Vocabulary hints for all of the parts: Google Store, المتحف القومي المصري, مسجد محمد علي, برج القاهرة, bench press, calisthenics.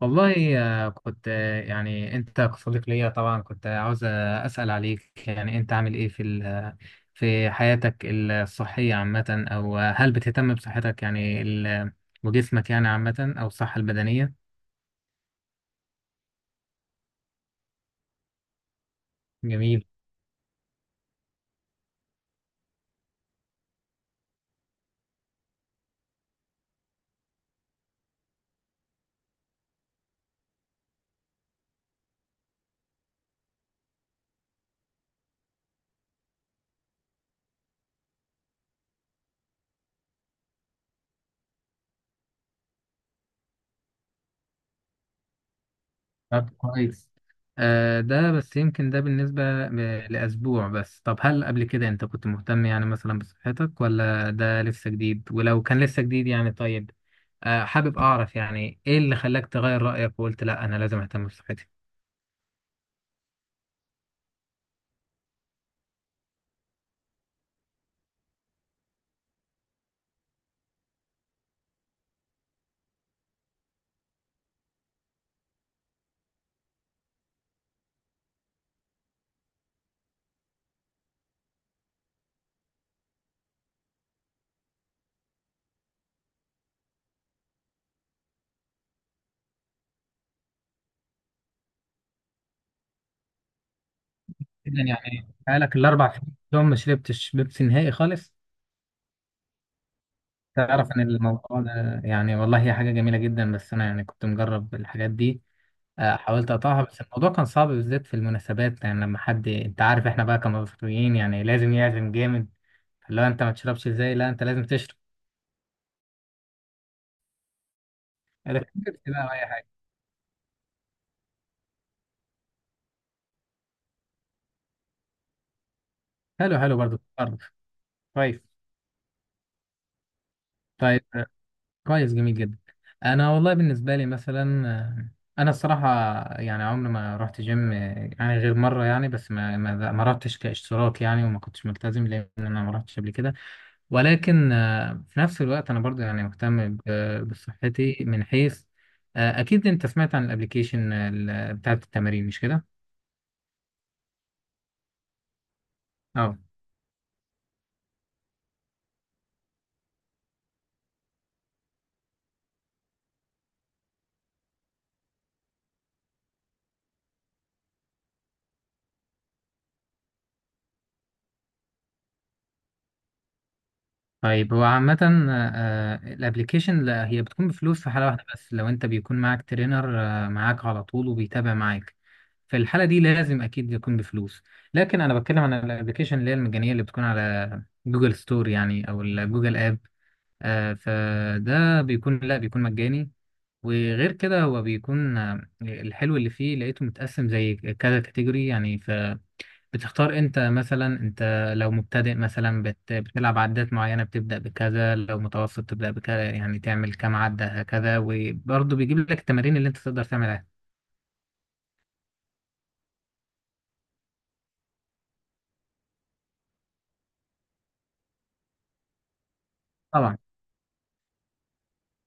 والله، كنت يعني انت كصديق ليا طبعا كنت عاوز اسال عليك، يعني انت عامل ايه في في حياتك الصحيه عامه، او هل بتهتم بصحتك، يعني وجسمك يعني عامه، او الصحه البدنيه؟ جميل. طب كويس. ده بس يمكن ده بالنسبة لأسبوع بس. طب هل قبل كده أنت كنت مهتم يعني مثلا بصحتك، ولا ده لسه جديد؟ ولو كان لسه جديد يعني طيب، حابب أعرف يعني إيه اللي خلاك تغير رأيك وقلت لأ، أنا لازم أهتم بصحتي. إذا يعني بقالك ال4 سنين يوم ما شربتش بيبسي نهائي خالص؟ تعرف إن الموضوع ده يعني والله هي حاجة جميلة جدا، بس أنا يعني كنت مجرب الحاجات دي. حاولت اقطعها بس الموضوع كان صعب، بالذات في المناسبات. يعني لما حد، انت عارف احنا بقى كمصريين يعني لازم يعزم جامد. لو انت ما تشربش، ازاي؟ لا، انت لازم تشرب. ده كان بيبسي بقى او اي حاجه؟ حلو حلو، برضه برضه. كويس. طيب، كويس. جميل جدا. انا والله بالنسبه لي مثلا، انا الصراحه يعني عمري ما رحت جيم، يعني غير مره يعني، بس ما رحتش كاشتراك يعني، وما كنتش ملتزم، لان انا ما رحتش قبل كده. ولكن في نفس الوقت انا برضو يعني مهتم بصحتي من حيث، اكيد انت سمعت عن الابليكيشن بتاعت التمارين، مش كده؟ اه. طيب هو عامة الابليكيشن هي بتكون بفلوس في حالة واحدة بس، لو انت بيكون معاك ترينر معاك على طول وبيتابع معاك. في الحالة دي لازم اكيد يكون بفلوس. لكن انا بتكلم عن الابليكيشن اللي هي المجانية اللي بتكون على جوجل ستور يعني، او الجوجل اب. فده بيكون، لا بيكون مجاني. وغير كده هو بيكون الحلو اللي فيه لقيته متقسم زي كذا كاتيجوري، يعني فبتختار. انت مثلا انت لو مبتدئ مثلا بتلعب عدات معينة بتبدأ بكذا، لو متوسط تبدأ بكذا، يعني تعمل كام عدة هكذا، وبرضه بيجيب لك التمارين اللي انت تقدر تعملها. طبعا.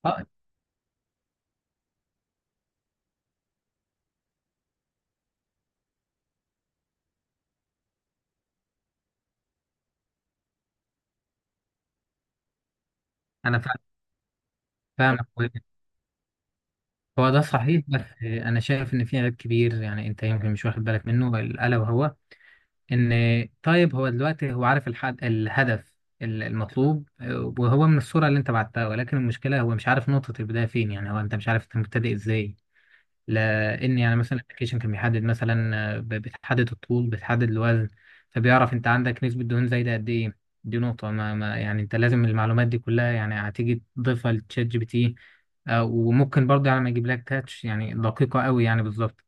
اه انا فاهمك. هو ده صحيح بس انا شايف ان في عيب كبير، يعني انت يمكن مش واخد بالك منه، الا وهو ان، طيب هو دلوقتي هو عارف الحد، الهدف المطلوب، وهو من الصورة اللي انت بعتها، ولكن المشكلة هو مش عارف نقطة البداية فين، يعني هو انت مش عارف انت مبتدئ ازاي. لان يعني مثلا الابلكيشن كان بيحدد مثلا، بتحدد الطول، بتحدد الوزن، فبيعرف انت عندك نسبة دهون زايدة قد ايه. دي نقطة ما يعني، انت لازم المعلومات دي كلها يعني هتيجي تضيفها لتشات GPT. وممكن برضه يعني ما يجيب لك تاتش، يعني دقيقة قوي يعني بالظبط.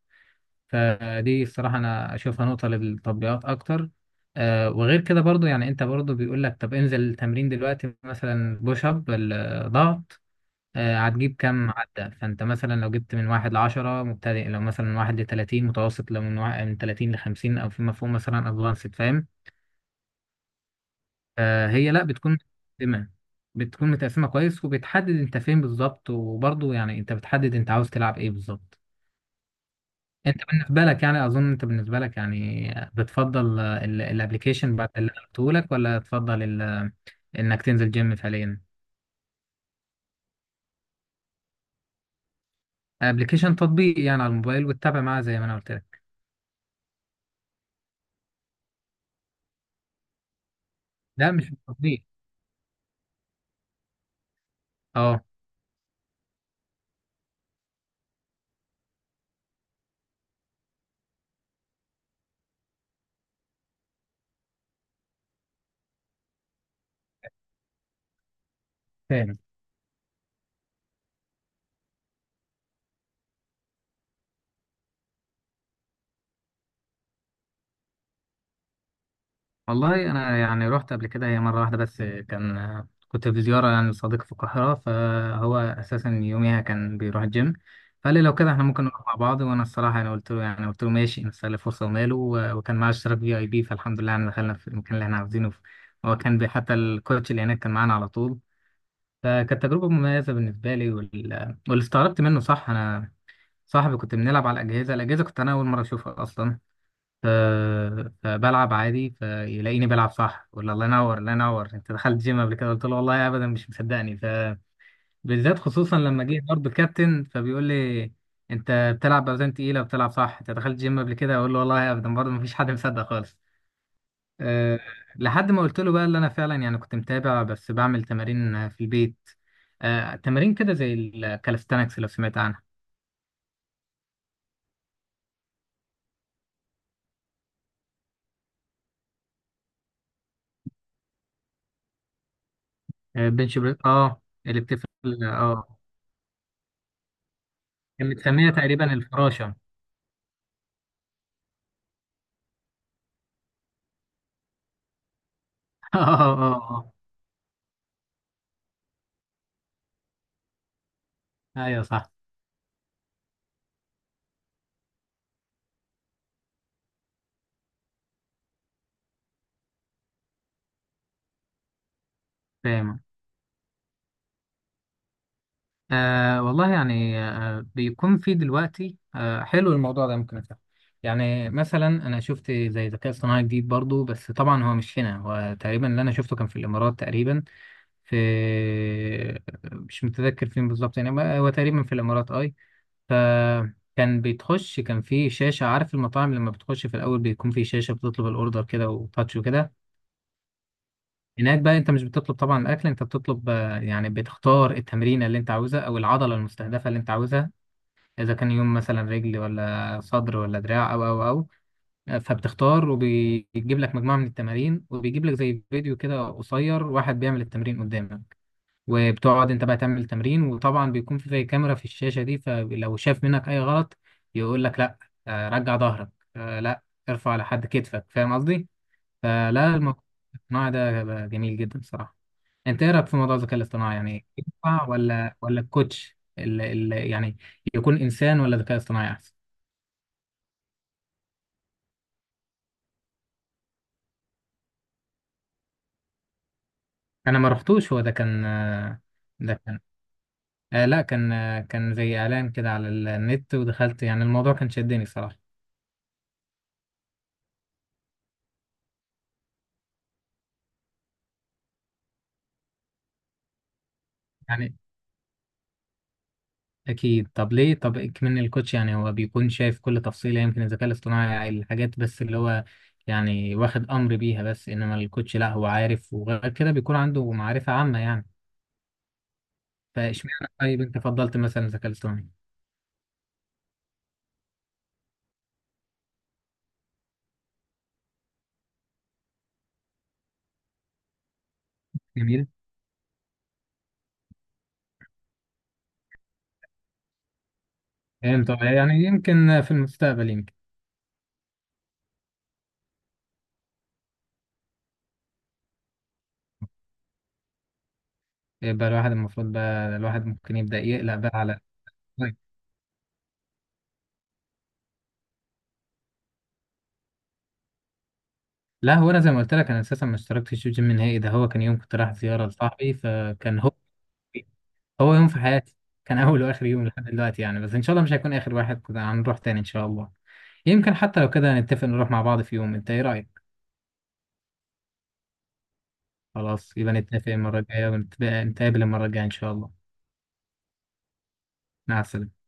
فدي الصراحة أنا أشوفها نقطة للتطبيقات أكتر. وغير كده برضو، يعني أنت برضو بيقول لك طب انزل التمرين دلوقتي، مثلا بوش أب ضغط. هتجيب كام عدة. فأنت مثلا لو جبت من 1 ل10، مبتدئ. لو مثلا من 1 ل30، متوسط. لو من 1 من 30 ل50 أو فيما فوق، مثلا أدفانسد. فاهم؟ هي لأ بتكون متقسمة. بتكون متقسمة كويس، وبتحدد أنت فين بالظبط، وبرضو يعني أنت بتحدد أنت عاوز تلعب إيه بالظبط. انت بالنسبه لك يعني، اظن انت بالنسبه لك يعني بتفضل الابلكيشن بعد اللي انا قلته لك، ولا تفضل انك تنزل جيم فعليا؟ ابلكيشن، تطبيق يعني على الموبايل وتتابع معاه زي ما انا قلت لك. لا مش التطبيق. اه، فاهم. والله انا يعني رحت قبل كده هي مره واحده بس، كان كنت في زياره يعني لصديق في القاهره، فهو اساسا يوميها كان بيروح الجيم. فقال لي لو كده احنا ممكن نروح مع بعض، وانا الصراحه انا قلت له يعني قلت له ماشي، نستغل الفرصه وماله، وكان معاه اشتراك في اي بي، فالحمد لله يعني دخلنا في المكان اللي احنا عاوزينه. هو كان حتى الكوتش اللي هناك كان معانا على طول. فكانت تجربه مميزه بالنسبه لي، واللي استغربت منه صح، انا صاحبي كنت بنلعب على الاجهزه، الاجهزه كنت انا اول مره اشوفها اصلا. ف- فبلعب عادي، فيلاقيني بلعب صح، يقول لي الله ينور الله ينور، انت دخلت جيم قبل كده؟ قلت له والله ابدا، مش مصدقني. فبالذات خصوصا لما جه برضه كابتن، فبيقول لي انت بتلعب باوزان تقيله وبتلعب صح، انت دخلت جيم قبل كده؟ اقول له والله ابدا. برضه مفيش حد مصدق خالص. أه. لحد ما قلت له بقى اللي انا فعلا يعني كنت متابع بس بعمل تمارين في البيت. أه، تمارين كده زي الكالستانكس، لو سمعت عنها. أه، بنش بريس، اه اللي بتفرق، اه كانت متسميه تقريبا الفراشه اه، اه، ايوه صح. فاهم. والله يعني بيكون في دلوقتي، حلو الموضوع ده، ممكن أفهم. يعني مثلا انا شفت زي ذكاء اصطناعي جديد برضو، بس طبعا هو مش هنا، هو تقريبا اللي انا شفته كان في الامارات تقريبا. في، مش متذكر فين بالظبط يعني، بقى هو تقريبا في الامارات اي. فكان بيتخش، كان في شاشة. عارف المطاعم لما بتخش في الاول بيكون في شاشة بتطلب الاوردر كده وتاتش وكده؟ هناك بقى انت مش بتطلب طبعا الاكل، انت بتطلب يعني بتختار التمرينه اللي انت عاوزها او العضله المستهدفه اللي انت عاوزها. اذا كان يوم مثلا رجل، ولا صدر، ولا دراع، او فبتختار، وبيجيب لك مجموعه من التمارين، وبيجيب لك زي فيديو كده قصير، واحد بيعمل التمرين قدامك. وبتقعد انت بقى تعمل التمرين، وطبعا بيكون في زي كاميرا في الشاشه دي، فلو شاف منك اي غلط يقول لك لا، رجع ظهرك، لا ارفع لحد كتفك. فاهم قصدي؟ فلا، الموضوع ده جميل جدا صراحه. انت ايه رايك في موضوع الذكاء الاصطناعي، يعني ينفع، ولا الكوتش اللي يعني يكون انسان، ولا ذكاء اصطناعي احسن؟ انا ما رحتوش، هو ده كان لا كان زي اعلان كده على النت ودخلت، يعني الموضوع كان شدني صراحه. يعني اكيد. طب ليه؟ طب من الكوتش يعني هو بيكون شايف كل تفصيله، يمكن الذكاء الاصطناعي الحاجات بس اللي هو يعني واخد امر بيها، بس انما الكوتش لا، هو عارف، وغير كده بيكون عنده معرفه عامه يعني. فاشمعنى طيب انت فضلت مثلا الذكاء الاصطناعي؟ جميل. فهمت. يعني يمكن في المستقبل، يمكن يبقى الواحد المفروض بقى، الواحد ممكن يبدأ يقلق بقى على. طيب. لا هو انا زي ما قلت لك انا اساسا ما اشتركتش في جيم نهائي، ده هو كان يوم كنت رايح زيارة لصاحبي فكان هو يوم في حياتي، كان اول واخر يوم لحد دلوقتي يعني، بس ان شاء الله مش هيكون اخر واحد، كده هنروح تاني ان شاء الله. يمكن حتى لو كده نتفق نروح مع بعض في يوم، انت ايه رأيك؟ خلاص يبقى نتفق المرة الجاية، ونتقابل المرة الجاية ان شاء الله. مع السلامة.